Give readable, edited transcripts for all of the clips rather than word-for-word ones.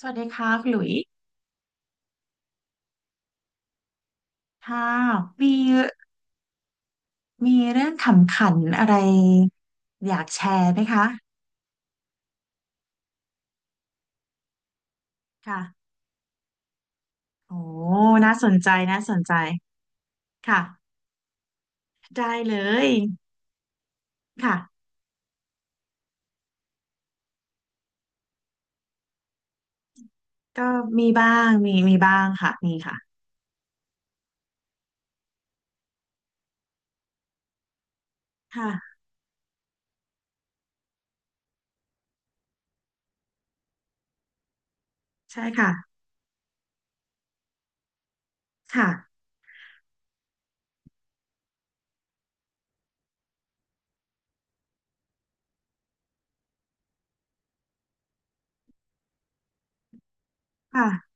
สวัสดีค่ะคุณหลุย ค่ะมีมีเรื่องขำขันอะไรอยากแชร์ไหมคะค่ะโอ้น่าสนใจ น่าสนใจค่ะได้เลยค่ะก็มีบ้างมีบ้างค่ะมีค่ะค่ะใช่ค่ะค่ะค่ะ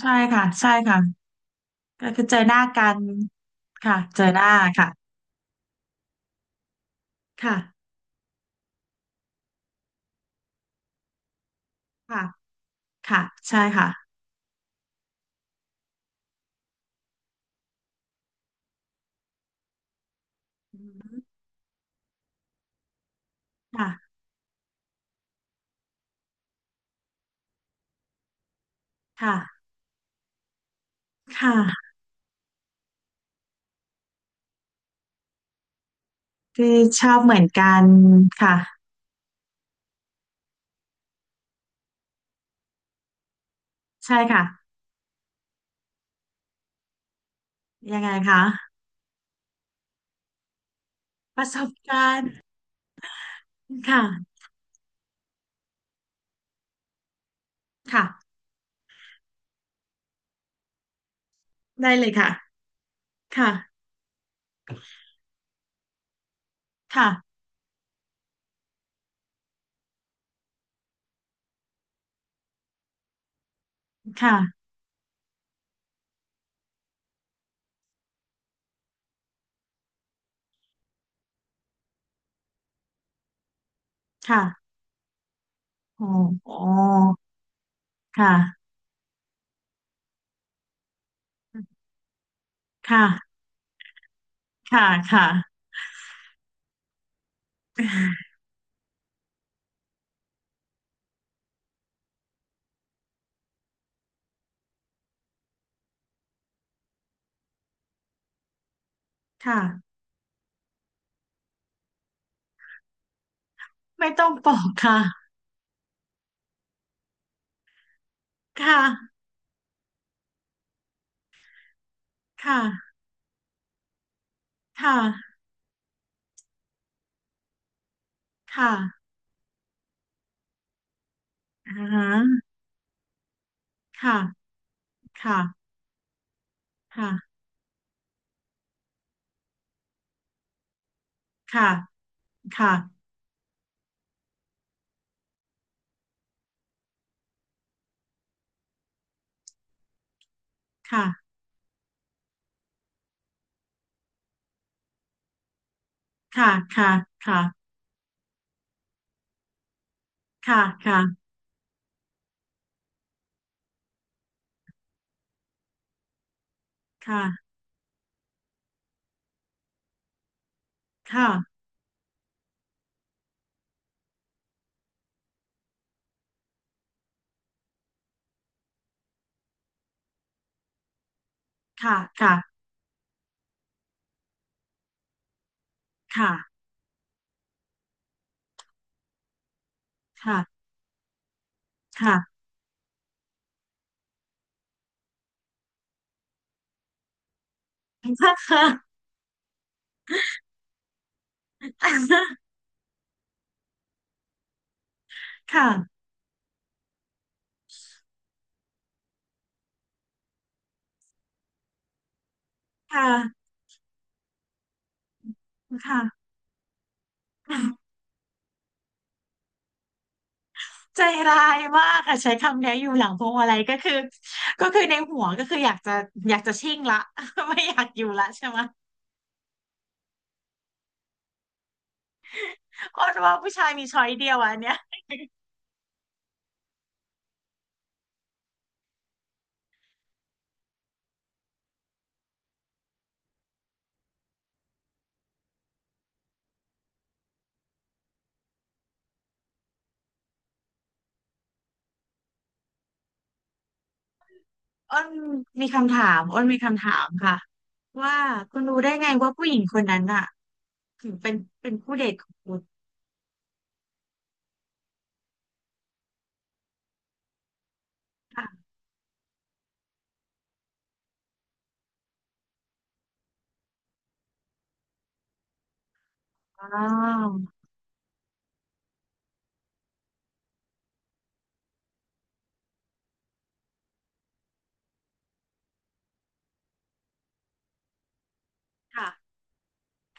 ใช่ค่ะ ใช่ค่ะก็คือเจอหน้ากันค่ะเจอหน้าค่ะค่ะค่ะค่ะใช่ค่ะอืมค่ะค่ะ ค่ะ คือชอบเหมือนกันค่ะ ใช่ค่ะยังไงคะประสบการณ์ค่ะค่ะได้เลยค่ะค่ะค่ะค่ะค่ะโอ้โอ้ค่ะค่ะค่ะค่ะค่ะไม่ต้องปอกค่ะค่ะค่ะค่ะค่ะอ่าฮะค่ะค่ะค่ะค่ะค่ะค่ะค่ะค่ะค่ะค่ะค่ะค่ะค่ะค่ะค่ะค่ะค่ะค่ะ ค่ะ ค่ะค่ะค่ะใจร้ายมากค่ะใช้คำนี้อยู่หลังพวงมาลัยก็คือในหัวก็คืออยากจะอยากจะชิ่งละ ไม่อยากอยู่ละใช่ไหมอ้นว่าผู้ชายมีช้อยเดียวอันเนี้ยอ้นอ้นมีคำถามค่ะว่าคุณรู้ได้ไงว่าผู้หญิงคนนั้นอ่ะถึงเป็นเป็นคู่เดทของคุณค่ะอ๋อค่ะ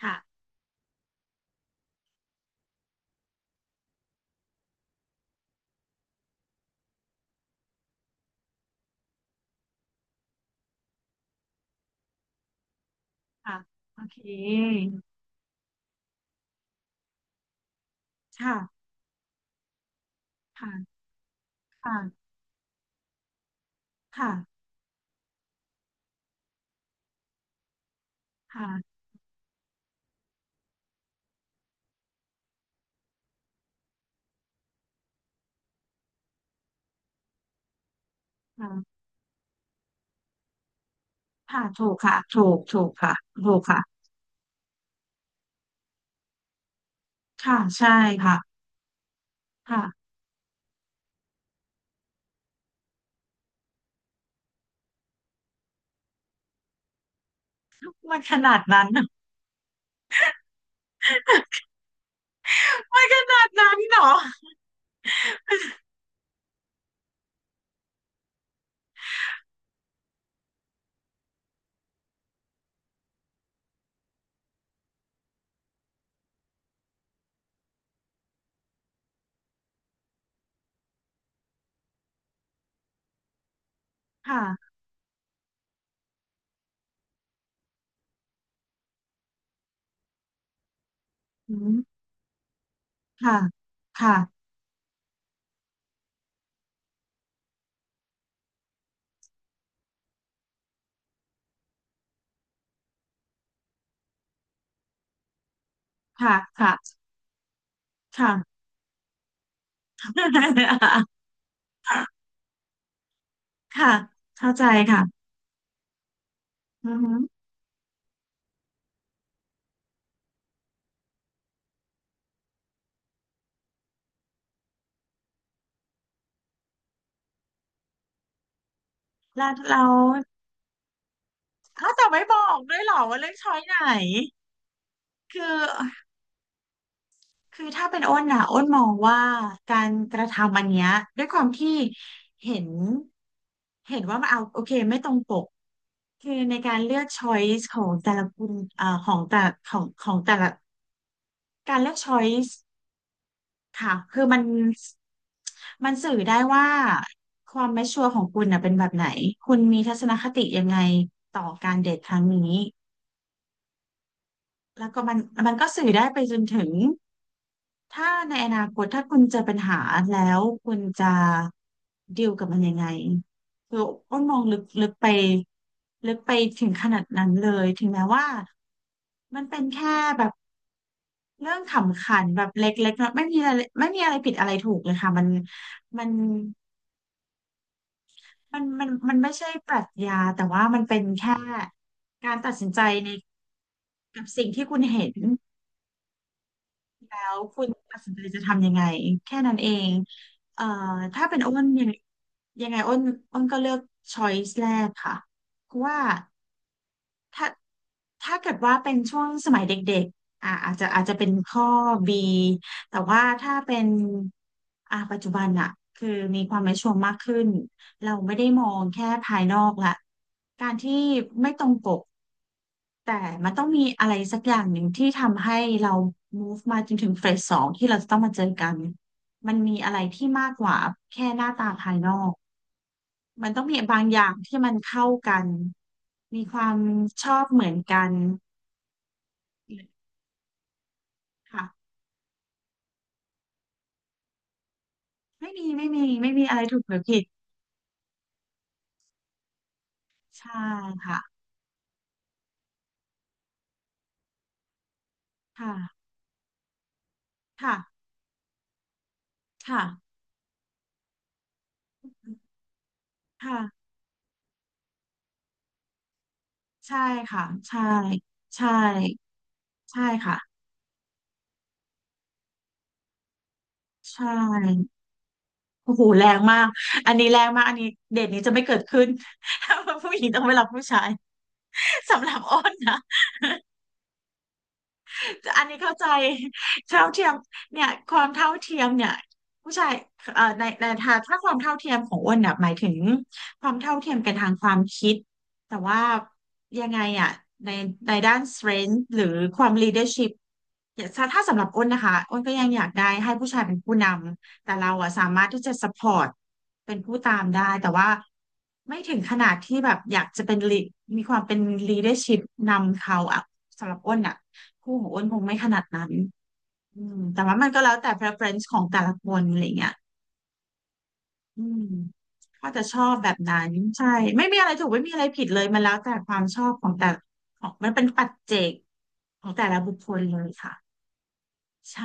ค่ะค่ะโอเคค่ะค่ะค่ะค่ะค่ะ ค่ะถูกค่ะถูกค่ะถูกค่ะค่ะใช่ค่ะค่ะมันขนาดนั้น มันขนาดนั้นเหรอค่ะอืมค่ะค่ะค่ะค่ะค่ะ ค่ะเข้าใจค่ะอือฮึแล้วเราเขาจะไม่บอกด้วยเหรอว่าเลือกช้อยไหนคือ คือถ้าเป็นอ้นอ่ะอ้นมองว่าการกระทำอันเนี้ยด้วยความที่เห็นเห็นว่ามันเอาโอเคไม่ตรงปกคือในการเลือก choice ของแต่ละคุณของแต่ของแต่ละการเลือก choice ค่ะคือมันสื่อได้ว่าความไม่ชัวร์ของคุณน่ะเป็นแบบไหนคุณมีทัศนคติยังไงต่อการเดทครั้งนี้แล้วก็มันก็สื่อได้ไปจนถึง ถ้าในอนาคตถ้าคุณเจอปัญหาแล้วคุณจะดีลกับมันยังไงคืออ้นมองลึกไปลึกไปถึงขนาดนั้นเลยถึงแม้ว่ามันเป็นแค่แบบเรื่องขำขันแบบเล็กๆเนาะไม่มีอะไรไม่มีอะไรผิดอะไรถูกเลยค่ะมันมันไม่ใช่ปรัชญาแต่ว่ามันเป็นแค่การตัดสินใจในกับสิ่งที่คุณเห็น แล้วคุณตัดสินใจจะทำยังไงแค่นั้นเองเอ่อถ้าเป็นอ้นยังยังไงอ้นอ้นก็เลือกช้อยส์แรกค่ะเพราะว่าถ้าถ้าเกิดว่าเป็นช่วงสมัยเด็กๆอาจจะเป็นข้อ B แต่ว่าถ้าเป็นอ่ะปัจจุบันอะคือมีความแมชชวร์มากขึ้นเราไม่ได้มองแค่ภายนอกละการที่ไม่ตรงปก แต่มันต้องมีอะไรสักอย่างหนึ่งที่ทำให้เรา move มาจนถึงเฟสสองที่เราจะต้องมาเจอกัน มันมีอะไรที่มากกว่าแค่หน้าตาภายนอก มันต้องมีบางอย่างที่มันเข้ากันมีความชอบเหมือนกันค่ะไม่มี ไม่มีอะไรถูกหรือผิดใช่ค่ะค่ะค่ะค่ะค่ะใช่ค่ะใช่ใช่ใช่ค่ะใช่ โอ้โหแรงมาก อันนี้แรงมาก อันนี้เดทนี้จะไม่เกิดขึ้น ถ้าผู้หญิงต้องไปรับผู้ชายสำหรับอ้นนะ อันนี้เข้าใจเท่าเทียมเนี่ยความเท่าเทียมเนี่ยผู้ชายในถ้าถ้าความเท่าเทียมของอ้วนเน่ยหมายถึงความเท่าเทียมกันทางความคิดแต่ว่ายังไงอ่ะในในด้าน strength หรือความ leadership อย่าถ้าถ้าสำหรับอ้นนะคะอ้นก็ยังอยากได้ให้ผู้ชายเป็นผู้นำแต่เราอ่ะสามารถที่จะ support เป็นผู้ตามได้แต่ว่าไม่ถึงขนาดที่แบบอยากจะเป็น มีความเป็น leadership นำเขาอ่ะสำหรับอ้นอ่ะ โอ้โหอ้วนคงไม่ขนาดนั้นแต่ว่ามันก็แล้วแต่ preference ของแต่ละคนอะไรเงี้ยอืมก็จะชอบแบบนั้นใช่ไม่มีอะไรถูกไม่มีอะไรผิดเลยมันแล้วแต่ความชอบของแต่ของมันเป็นปัจเจกของแต่ละบุคคลเลยค่ะใช่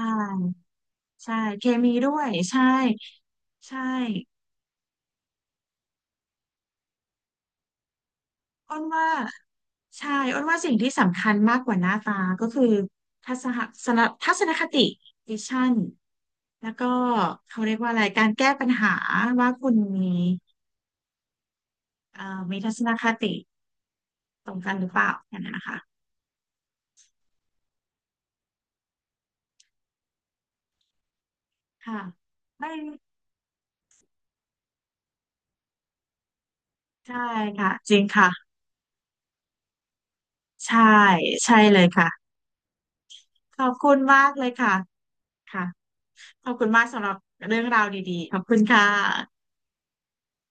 ใช่เคมีด้วยใช่ใช่อ้นว่า ใช่อ้นว่าสิ่งที่สำคัญมากกว่าหน้าตาก็คือทัศนสนทัศนคติวิชั่นแล้วก็เขาเรียกว่าอะไรการแก้ปัญหาว่าคุณมีมีทัศนคติตรงกันหรือเปล่าอย่างนั้นนะคะค่ะไม่ใช่ค่ะจริงค่ะใช่ใช่เลยค่ะขอบคุณมากเลยค่ะค่ะขอบคุณมากสำหรับเรื่องราวดีๆขอบคุณค่ะ